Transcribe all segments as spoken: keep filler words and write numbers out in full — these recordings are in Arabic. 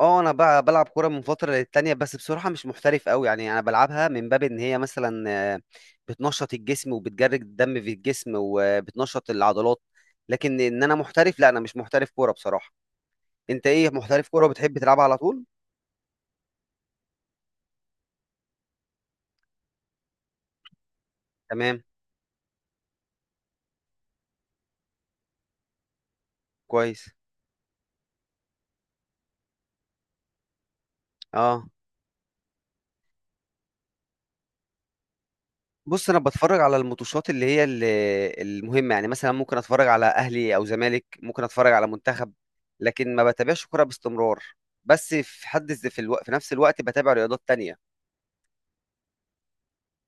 اه، انا بقى بلعب كوره من فتره للتانيه، بس بصراحه مش محترف قوي. يعني انا بلعبها من باب ان هي مثلا آه، بتنشط الجسم، وبتجرد الدم في الجسم، وبتنشط العضلات. لكن ان انا محترف، لا، انا مش محترف كوره بصراحه. انت ايه، محترف كوره وبتحب تلعبها على طول؟ تمام. كويس. اه. بص، انا بتفرج على الماتشات اللي هي ال- المهمه. يعني مثلا ممكن اتفرج على اهلي او زمالك، ممكن اتفرج على منتخب. لكن ما بتابعش كوره باستمرار. بس في حد في الو... في نفس الوقت بتابع رياضات تانية.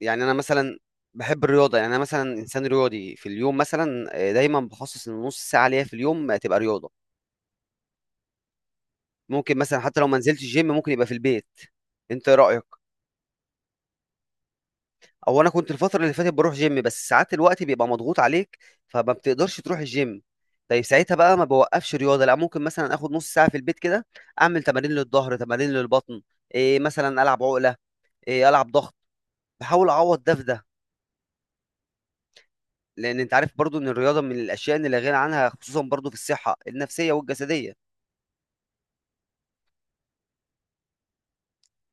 يعني انا مثلا بحب الرياضه. يعني انا مثلا انسان رياضي. في اليوم مثلا آه، دايما بخصص ان نص ساعه ليا في اليوم آه، تبقى رياضه. ممكن مثلا، حتى لو ما نزلتش الجيم، ممكن يبقى في البيت. انت ايه رايك؟ او انا كنت الفتره اللي فاتت بروح جيم، بس ساعات الوقت بيبقى مضغوط عليك، فما بتقدرش تروح الجيم. طيب ساعتها بقى ما بوقفش رياضه، لا ممكن مثلا اخد نص ساعه في البيت كده. اعمل تمارين للظهر، تمارين للبطن. إيه، مثلا العب عقله. إيه، العب ضغط. بحاول اعوض ده في ده. لان انت عارف برضو ان الرياضه من الاشياء اللي لا غنى عنها، خصوصا برضو في الصحه النفسيه والجسديه.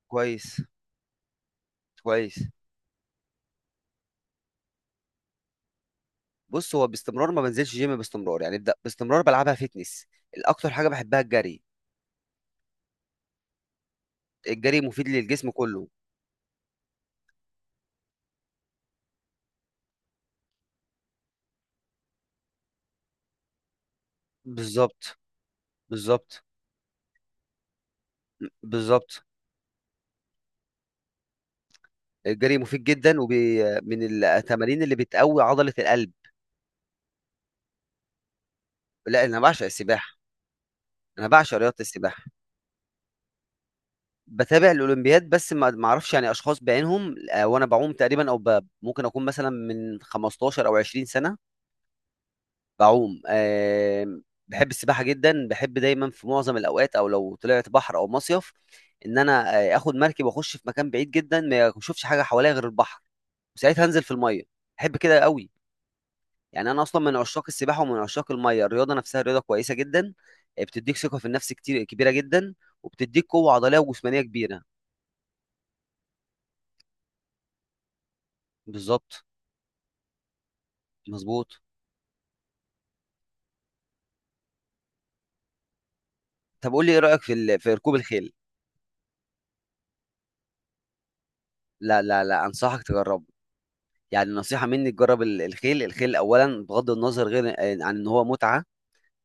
كويس. كويس. بص، هو باستمرار ما بنزلش جيم باستمرار، يعني ابدا. باستمرار بلعبها فيتنس. الاكتر حاجه بحبها الجري. الجري مفيد للجسم كله. بالظبط. بالظبط. بالظبط. الجري مفيد جدا، وبي من التمارين اللي بتقوي عضله القلب. لا، انا بعشق السباحه. انا بعشق رياضه السباحه. بتابع الاولمبياد، بس ما ما اعرفش يعني اشخاص بعينهم. آه، وانا بعوم تقريبا، او ب... ممكن اكون مثلا من خمستاشر او عشرين سنه بعوم. آه، بحب السباحه جدا. بحب دايما في معظم الاوقات، او لو طلعت بحر او مصيف، ان انا آه، اخد مركب واخش في مكان بعيد جدا ما اشوفش حاجه حواليا غير البحر، وساعتها انزل في الميه. بحب كده قوي. يعني انا اصلا من عشاق السباحه ومن عشاق الميه. الرياضه نفسها رياضه كويسه جدا. آه، بتديك ثقه في النفس كتير كبيره جدا، وبتديك قوه عضليه وجسمانيه كبيره. بالظبط. مظبوط. طب قول لي، ايه رايك في ال... في ركوب الخيل؟ لا لا لا، انصحك تجربه. يعني نصيحه مني، تجرب ال- الخيل الخيل اولا، بغض النظر غير آه، عن ان هو متعه.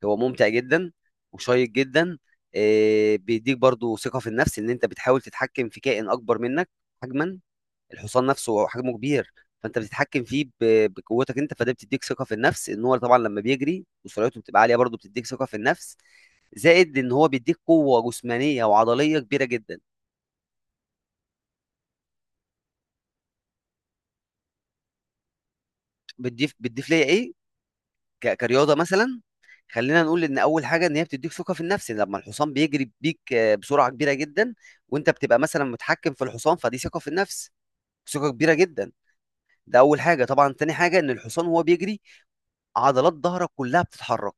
هو ممتع جدا، وشيق جدا. إيه، بيديك برضو ثقه في النفس ان انت بتحاول تتحكم في كائن اكبر منك حجما. الحصان نفسه هو حجمه كبير، فانت بتتحكم فيه ب- بقوتك انت. فده بتديك ثقه في النفس. ان هو طبعا لما بيجري وسرعته بتبقى عاليه، برضو بتديك ثقه في النفس. زائد ان هو بيديك قوه جسمانيه وعضليه كبيره جدا. بتضيف بتضيف ليا ايه؟ ك- كرياضه مثلا. خلينا نقول ان اول حاجه ان هي بتديك ثقه في النفس لما الحصان بيجري بيك آه، بسرعه كبيره جدا، وانت بتبقى مثلا متحكم في الحصان، فدي ثقه في النفس. ثقه كبيره جدا. ده اول حاجه. طبعا تاني حاجه، ان الحصان وهو بيجري، عضلات ظهرك كلها بتتحرك.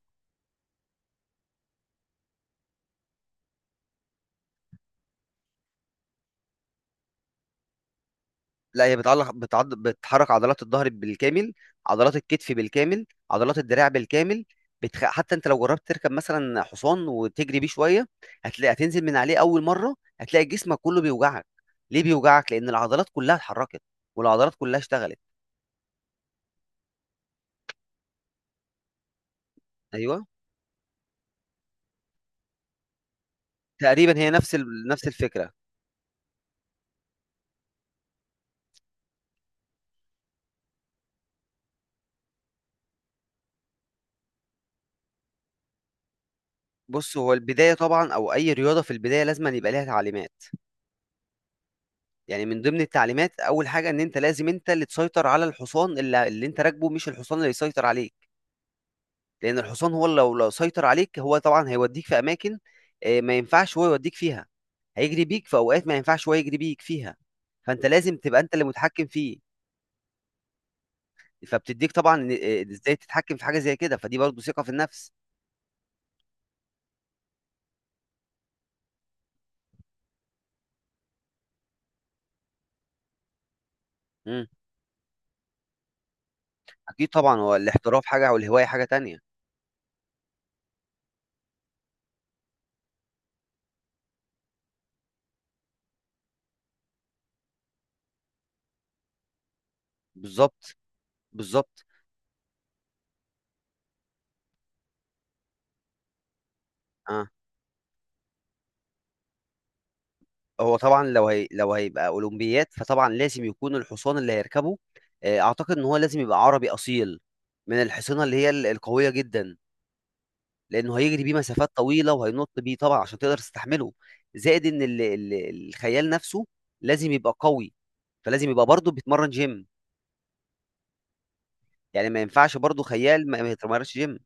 لا، هي بتعلق بتعض... بتحرك عضلات الظهر بالكامل، عضلات الكتف بالكامل، عضلات الدراع بالكامل. بتخ... حتى انت لو جربت تركب مثلا حصان وتجري بيه شويه، هتلاقي هتنزل من عليه اول مره هتلاقي جسمك كله بيوجعك. ليه بيوجعك؟ لان العضلات كلها اتحركت، والعضلات كلها اشتغلت. ايوه. تقريبا هي نفس ال... نفس الفكره. بص، هو البدايه طبعا، او اي رياضه في البدايه، لازم أن يبقى ليها تعليمات. يعني من ضمن التعليمات، اول حاجه ان انت لازم انت اللي تسيطر على الحصان اللي, اللي انت راكبه، مش الحصان اللي يسيطر عليك. لان الحصان هو لو لو سيطر عليك، هو طبعا هيوديك في اماكن آه، ما ينفعش هو يوديك فيها، هيجري بيك في اوقات ما ينفعش هو يجري بيك فيها. فانت لازم تبقى انت اللي متحكم فيه. فبتديك طبعا آه، ازاي تتحكم في حاجه زي كده، فدي برضه ثقه في النفس. امم. اكيد طبعا، هو الاحتراف حاجه والهوايه حاجه تانية. بالظبط. بالظبط. اه، هو طبعا لو هي... لو هيبقى اولمبيات، فطبعا لازم يكون الحصان اللي هيركبه، آه، اعتقد ان هو لازم يبقى عربي اصيل، من الحصينه اللي هي ال- القويه جدا. لانه هيجري بيه مسافات طويله، وهينط بيه طبعا، عشان تقدر تستحمله. زائد ان ال ال الخيال نفسه لازم يبقى قوي، فلازم يبقى برضه بيتمرن جيم. يعني ما ينفعش برضه خيال ما ما يتمرنش جيم.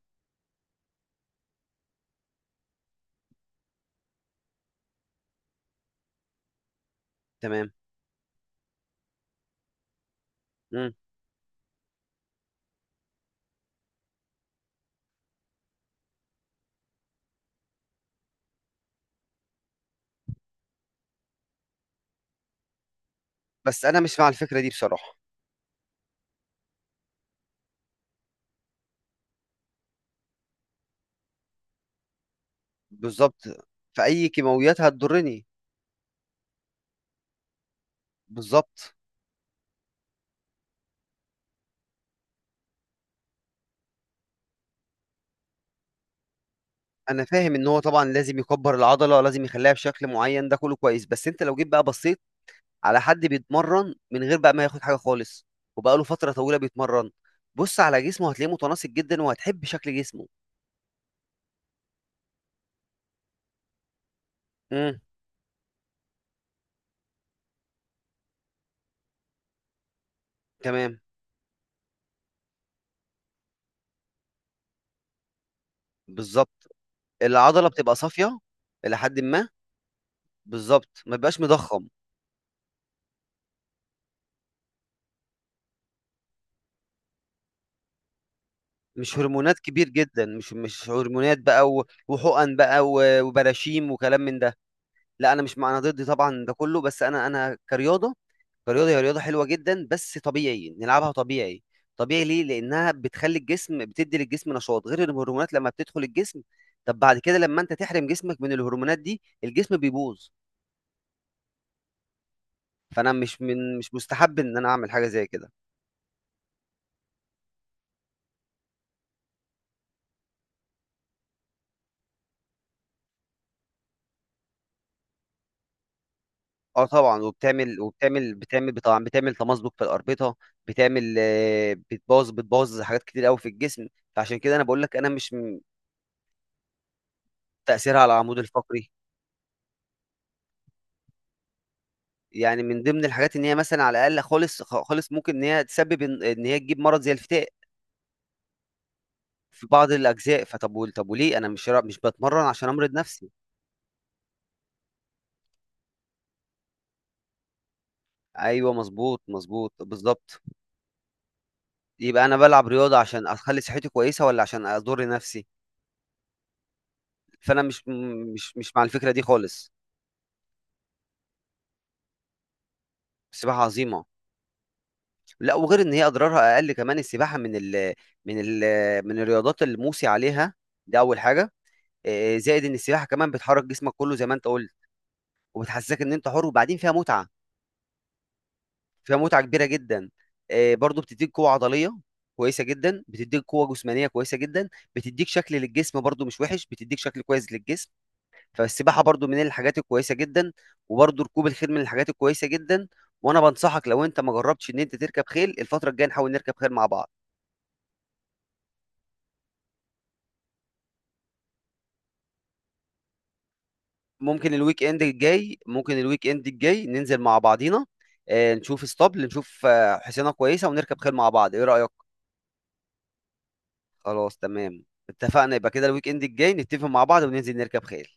تمام. مم. بس انا مش مع الفكره دي بصراحه. بالظبط. فاي كيماويات هتضرني. بالظبط. انا فاهم ان هو طبعا لازم يكبر العضله، لازم يخليها بشكل معين، ده كله كويس، بس انت لو جيت بقى بصيت على حد بيتمرن من غير بقى ما ياخد حاجه خالص، وبقاله فتره طويله بيتمرن، بص على جسمه، هتلاقيه متناسق جدا وهتحب شكل جسمه. امم. تمام. بالظبط. العضله بتبقى صافيه الى حد ما. بالظبط، ما بيبقاش مضخم. مش هرمونات كبير جدا، مش مش هرمونات بقى و- وحقن بقى و- وبراشيم وكلام من ده. لا، انا مش مع، انا ضد طبعا ده كله، بس انا انا كرياضه. كرياضة هي رياضة حلوة جدا، بس طبيعي نلعبها طبيعي. طبيعي ليه؟ لأنها بتخلي الجسم، بتدي للجسم نشاط، غير الهرمونات لما بتدخل الجسم. طب بعد كده لما أنت تحرم جسمك من الهرمونات دي، الجسم بيبوظ. فأنا مش من مش مستحب إن أنا أعمل حاجة زي كده. أه طبعا، وبتعمل وبتعمل بتعمل طبعا بتعمل تمزق في الأربطة. بتعمل آه، بتبوظ بتبوظ حاجات كتير قوي في الجسم. فعشان كده أنا بقول لك، أنا مش م- تأثيرها على العمود الفقري. يعني من ضمن الحاجات ان هي مثلا على الاقل خالص، خ- خالص ممكن ان هي تسبب ان إن هي تجيب مرض زي الفتاق في بعض الاجزاء. فطب وال- طب وليه انا مش را- مش بتمرن عشان امرض نفسي؟ ايوه، مظبوط. مظبوط. بالظبط. يبقى انا بلعب رياضه عشان اخلي صحتي كويسه ولا عشان اضر نفسي؟ فانا مش م- مش مش مع الفكره دي خالص. السباحه عظيمه. لا، وغير ان هي اضرارها اقل، كمان السباحه من ال من ال من الرياضات اللي موصي عليها. دي اول حاجه. إيه، زائد ان السباحه كمان بتحرك جسمك كله زي ما انت قلت، وبتحسسك ان انت حر، وبعدين فيها متعه. فيها متعه كبيره جدا. آه، برضو بتديك قوه عضليه كويسه جدا، بتديك قوه جسمانيه كويسه جدا، بتديك شكل للجسم برضو مش وحش، بتديك شكل كويس للجسم. فالسباحه برضو من الحاجات الكويسه جدا، وبرضو ركوب الخيل من الحاجات الكويسه جدا. وانا بنصحك لو انت ما جربتش، ان انت تركب خيل الفتره الجايه نحاول نركب خيل مع بعض. ممكن الويك اند الجاي ممكن الويك اند الجاي ننزل مع بعضينا، آه، نشوف اسطبل، نشوف آه، حصينه كويسه، ونركب خيل مع بعض. ايه رايك؟ خلاص، تمام. اتفقنا. يبقى كده الويك اند الجاي نتفق مع بعض وننزل نركب خيل.